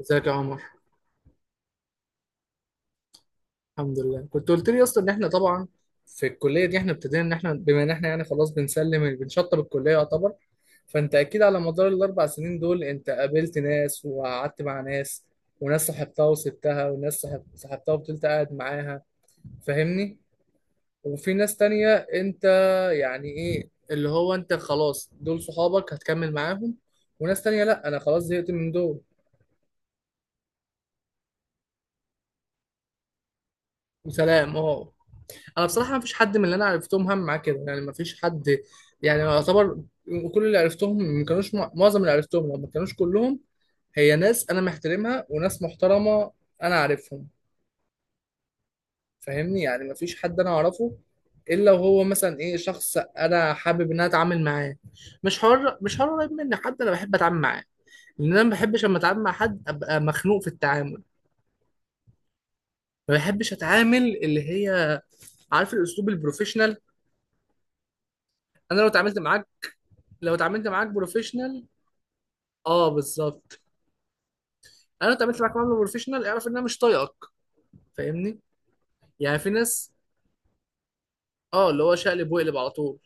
ازيك يا عمر؟ الحمد لله، كنت قلت لي اصلا ان احنا طبعا في الكليه دي احنا ابتدينا ان احنا بما ان احنا يعني خلاص بنسلم بنشطب الكليه يعتبر. فانت اكيد على مدار الاربع سنين دول انت قابلت ناس وقعدت مع ناس، وناس صاحبتها وسبتها، وناس صاحب صاحبتها وفضلت قاعد معاها. فاهمني؟ وفي ناس تانية انت، يعني ايه اللي هو انت خلاص دول صحابك هتكمل معاهم، وناس تانية لا انا خلاص زهقت من دول وسلام اهو. انا بصراحه ما فيش حد من اللي انا عرفتهم هم معاه كده، يعني ما فيش حد، يعني يعتبر كل اللي عرفتهم ما كانوش معظم اللي عرفتهم لو ما كانوش كلهم هي ناس انا محترمها وناس محترمه انا عارفهم. فاهمني؟ يعني ما فيش حد انا اعرفه الا وهو مثلا ايه، شخص انا حابب ان انا اتعامل معاه. مش حر، مش حر قريب مني حد انا بحب اتعامل معاه، لان انا ما بحبش لما اتعامل مع حد ابقى مخنوق في التعامل. ما بحبش اتعامل اللي هي، عارف الاسلوب البروفيشنال؟ انا لو اتعاملت معاك، لو اتعاملت معاك بروفيشنال. اه بالظبط. انا لو اتعاملت معاك معامله بروفيشنال اعرف ان انا مش طايقك. فاهمني؟ يعني في ناس. اه اللي هو شقلب وقلب على طول.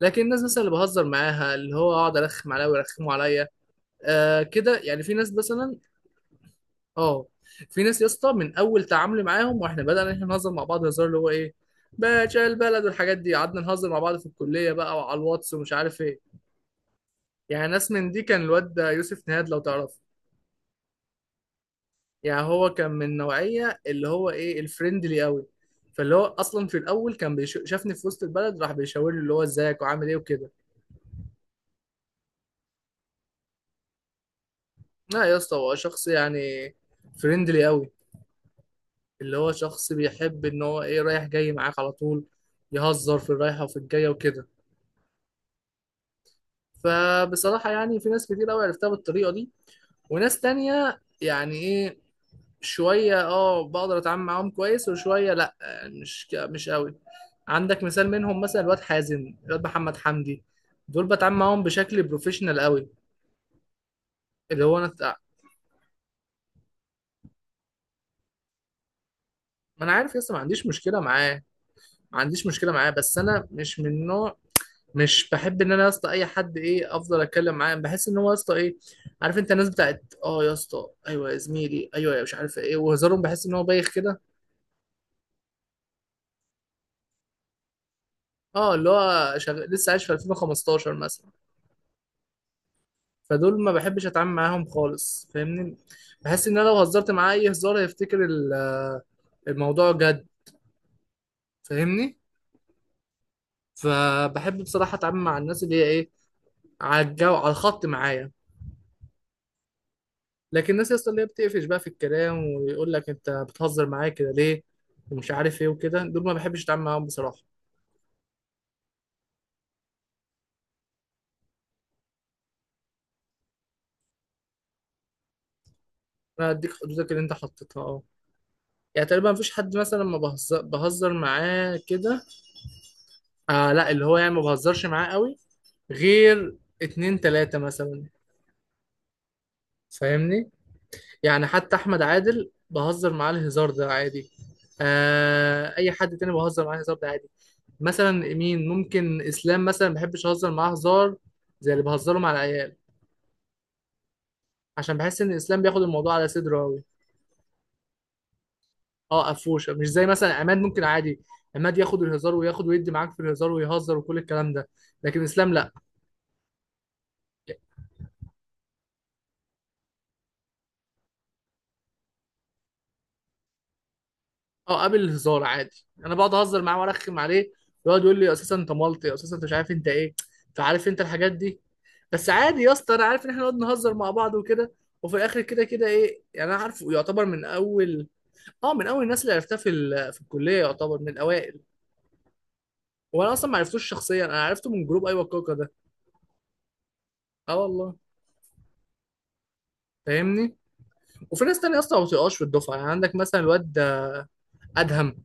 لكن الناس مثلا اللي بهزر معاها، اللي هو اقعد ارخم عليها ويرخموا عليا، آه كده، يعني في ناس مثلا. اه في ناس يا اسطى من اول تعاملي معاهم واحنا بدانا إن احنا نهزر مع بعض، هزار اللي هو ايه باشا البلد والحاجات دي. قعدنا نهزر مع بعض في الكليه بقى وعلى الواتس ومش عارف ايه. يعني ناس من دي كان الواد ده يوسف نهاد، لو تعرفه. يعني هو كان من نوعية اللي هو ايه، الفريندلي قوي. فاللي هو اصلا في الاول كان شافني في وسط البلد راح بيشاور لي اللي هو ازيك وعامل ايه وكده. لا يا اسطى هو شخص يعني فريندلي قوي، اللي هو شخص بيحب ان هو ايه رايح جاي معاك على طول، يهزر في الرايحة وفي الجاية وكده. فبصراحة يعني في ناس كتير قوي عرفتها بالطريقة دي، وناس تانية يعني ايه، شوية اه بقدر اتعامل معاهم كويس وشوية لا. مش قوي. عندك مثال منهم مثلا الواد حازم، الواد محمد حمدي، دول بتعامل معاهم بشكل بروفيشنال قوي، اللي هو انا ما انا عارف لسه، ما عنديش مشكلة معاه. ما عنديش مشكلة معاه بس انا مش من نوع، مش بحب ان انا يا اسطى اي حد ايه افضل اتكلم معاه بحس ان هو يا اسطى ايه. عارف انت الناس بتاعت اه يا اسطى ايوه يا زميلي ايوه يا مش عارف ايه، وهزارهم بحس ان هو بايخ كده. اه اللي هو لسه عايش في 2015 مثلا. فدول ما بحبش اتعامل معاهم خالص. فاهمني؟ بحس ان انا لو هزرت معاه اي هزار هيفتكر الموضوع جد. فاهمني؟ فبحب بصراحه اتعامل مع الناس اللي هي ايه، على الجو على الخط معايا. لكن الناس اصلا اللي هي بتقفش بقى في الكلام ويقول لك انت بتهزر معايا كده ليه ومش عارف ايه وكده، دول ما بحبش اتعامل معاهم بصراحه. انا اديك حدودك اللي انت حطيتها اه. يعني تقريبا مفيش حد مثلا ما بهزر معاه كده. آه لا اللي هو يعني ما بهزرش معاه قوي غير اتنين تلاتة مثلا. فاهمني؟ يعني حتى احمد عادل بهزر معاه الهزار ده عادي، آه اي حد تاني بهزر معاه الهزار ده عادي. مثلا مين ممكن اسلام مثلا، ما بحبش اهزر معاه هزار زي اللي بهزره مع العيال، عشان بحس ان اسلام بياخد الموضوع على صدره قوي. اه قفوشه مش زي مثلا عماد، ممكن عادي. عماد ياخد الهزار وياخد ويدي معاك في الهزار ويهزر وكل الكلام ده، لكن اسلام لا. اه قابل الهزار عادي، انا بقعد اهزر معاه وارخم عليه ويقعد يقول لي اساسا انت مالطي اساسا انت مش عارف انت ايه، فعارف انت الحاجات دي. بس عادي يا اسطى، انا عارف ان احنا نقعد نهزر مع بعض وكده وفي الاخر كده كده ايه يعني، انا عارفه يعتبر من اول. اه من اول الناس اللي عرفتها في الكليه يعتبر من الاوائل. وانا اصلا ما عرفتوش شخصيا، انا عرفته من جروب ايوه كوكا ده. اه والله. فاهمني؟ وفي ناس تانية اصلا ما بتبقاش في الدفعه، يعني عندك مثلا الواد ادهم،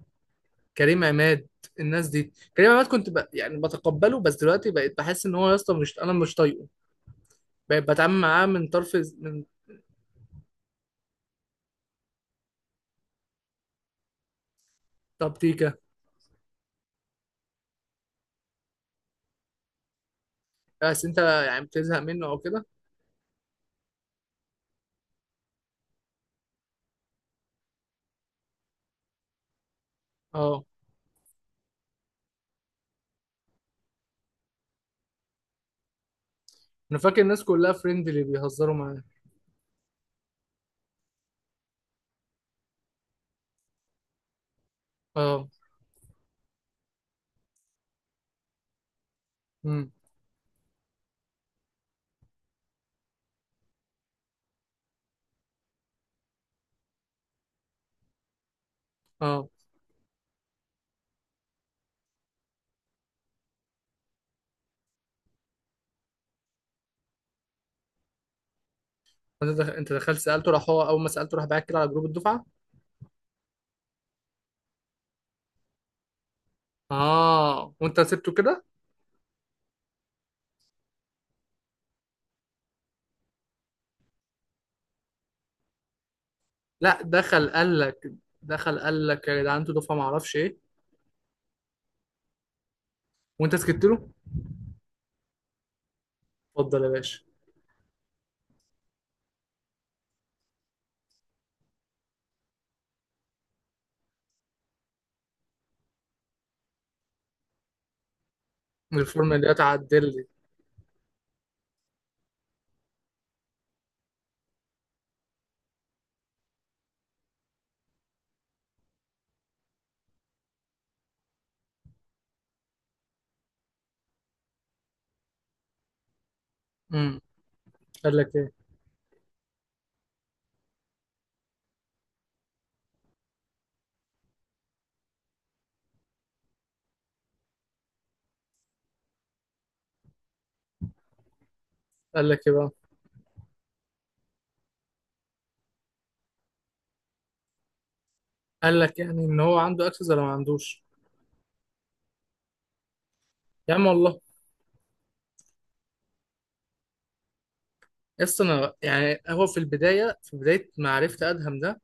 كريم عماد. الناس دي كريم عماد كنت يعني بتقبله بس دلوقتي بقيت بحس ان هو يا اسطى مش، انا مش طايقه. بقيت بتعامل معاه من طرف، من تبتيكه. بس انت يعني بتزهق منه او كده. اه انا فاكر الناس كلها فريندلي بيهزروا معاه. اه امم اه. انت انت دخلت سالته راح، هو اول ما سالته راح بعت كده على جروب الدفعه. اه وانت سبته كده. لا دخل قال لك، دخل قال لك يا جدعان انتوا دفعه ما اعرفش ايه، وانت سكت له. اتفضل يا باشا. الفورم اللي اتعدل لي. امم. قال لك ايه؟ قال لك ايه بقى؟ قال لك يعني ان هو عنده اكسس ولا ما عندوش؟ يا عم والله. يس انا يعني هو في البدايه، في بدايه ما عرفت ادهم ده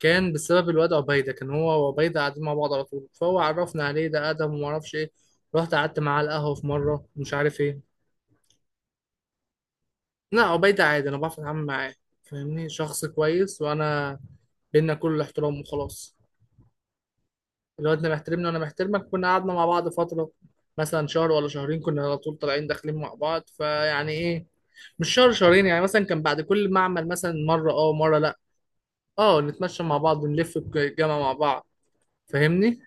كان بسبب الواد عبيده. كان هو وعبيده قاعدين مع بعض على طول، فهو عرفنا عليه ده ادهم وما اعرفش ايه. رحت قعدت معاه على القهوه في مره مش عارف ايه. لا عبيده عادي انا بعرف اتعامل معاه. فاهمني؟ شخص كويس وانا بينا كل احترام وخلاص، اللي هو انت محترمني وانا محترمك. كنا قعدنا مع بعض فتره مثلا شهر ولا شهرين، كنا على طول طالعين داخلين مع بعض. فيعني ايه، مش شهر شهرين يعني مثلا، كان بعد كل معمل مثلا مره اه ومره لا. اه نتمشى مع بعض، نلف الجامعه مع بعض. فاهمني؟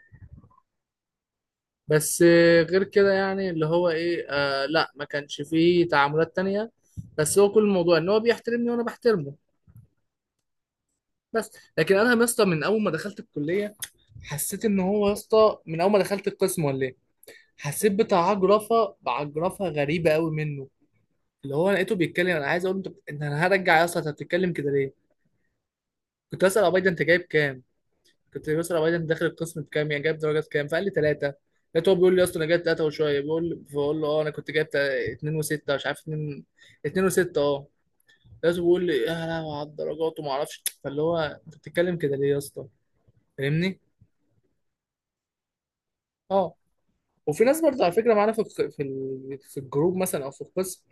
بس آه، غير كده يعني اللي هو ايه آه لا، ما كانش فيه تعاملات تانية. بس هو كل الموضوع ان هو بيحترمني وانا بحترمه. بس. لكن انا يا اسطى من اول ما دخلت الكليه، حسيت ان هو يا اسطى من اول ما دخلت القسم ولا، حسيت بعجرفه، بعجرفه غريبه قوي منه. اللي هو لقيته بيتكلم، انا عايز اقول له انت انت، انا هرجع اصلا انت بتتكلم كده ليه. كنت بسال ابو ده انت جايب كام، كنت بسال ابو ده انت داخل القسم بكام يعني جايب درجات كام، فقال لي ثلاثه. لقيته هو بيقول لي اصلا انا جايب ثلاثه وشويه بيقول، فبقول له اه انا كنت جايب اتنين وسته، مش عارف اتنين، اتنين وسته اه. لقيته بيقول لي يا لهوي على الدرجات وما اعرفش. فاللي هو انت بتتكلم كده ليه يا اسطى؟ فاهمني؟ اه وفي ناس برضه على فكره معانا في الجروب مثلا او في القسم،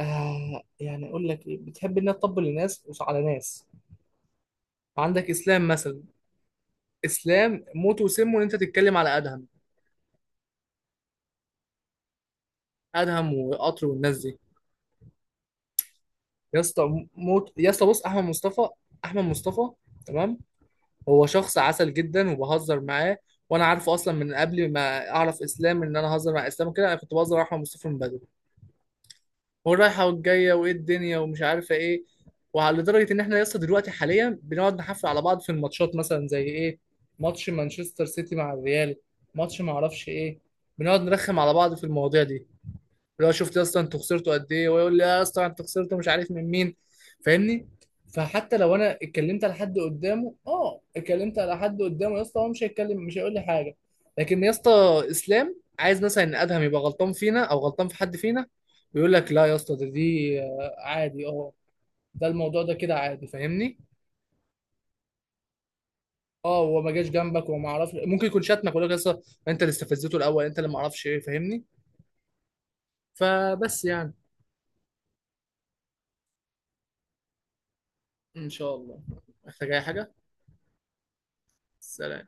آه يعني اقول لك ايه، بتحب انها تطبل لناس مش على ناس. عندك اسلام مثلا، اسلام موت وسمه ان انت تتكلم على ادهم، ادهم وقطر والناس دي. يا اسطى موت. يا اسطى بص احمد مصطفى، احمد مصطفى تمام، هو شخص عسل جدا وبهزر معاه. وانا عارفه اصلا من قبل ما اعرف اسلام، ان انا هزر مع اسلام كده، انا كنت بهزر مع احمد مصطفى من بدري، والرايحه والجايه وايه الدنيا ومش عارفه ايه. وعلى لدرجه ان احنا لسه دلوقتي حاليا بنقعد نحفل على بعض في الماتشات، مثلا زي ايه، ماتش مانشستر سيتي مع الريال، ماتش ما اعرفش ايه. بنقعد نرخم على بعض في المواضيع دي، لو شفت يا اسطى انتوا خسرتوا قد ايه، ويقول لي يا اسطى انتوا خسرتوا مش عارف من مين. فاهمني؟ فحتى لو انا اتكلمت على حد قدامه، اه اتكلمت على حد قدامه، يا اسطى هو مش هيتكلم مش هيقول لي حاجه. لكن يا اسطى اسلام عايز مثلا ان ادهم يبقى غلطان فينا او غلطان في حد فينا، ويقول لك لا يا اسطى ده، دي آه، عادي اه، ده الموضوع ده كده عادي. فاهمني؟ اه هو ما جاش جنبك وما اعرفش ممكن يكون شتمك ويقول لك يا اسطى انت اللي استفزته الاول، انت اللي ما اعرفش ايه. فاهمني؟ فبس يعني. ان شاء الله. محتاج اي حاجه؟ سلام.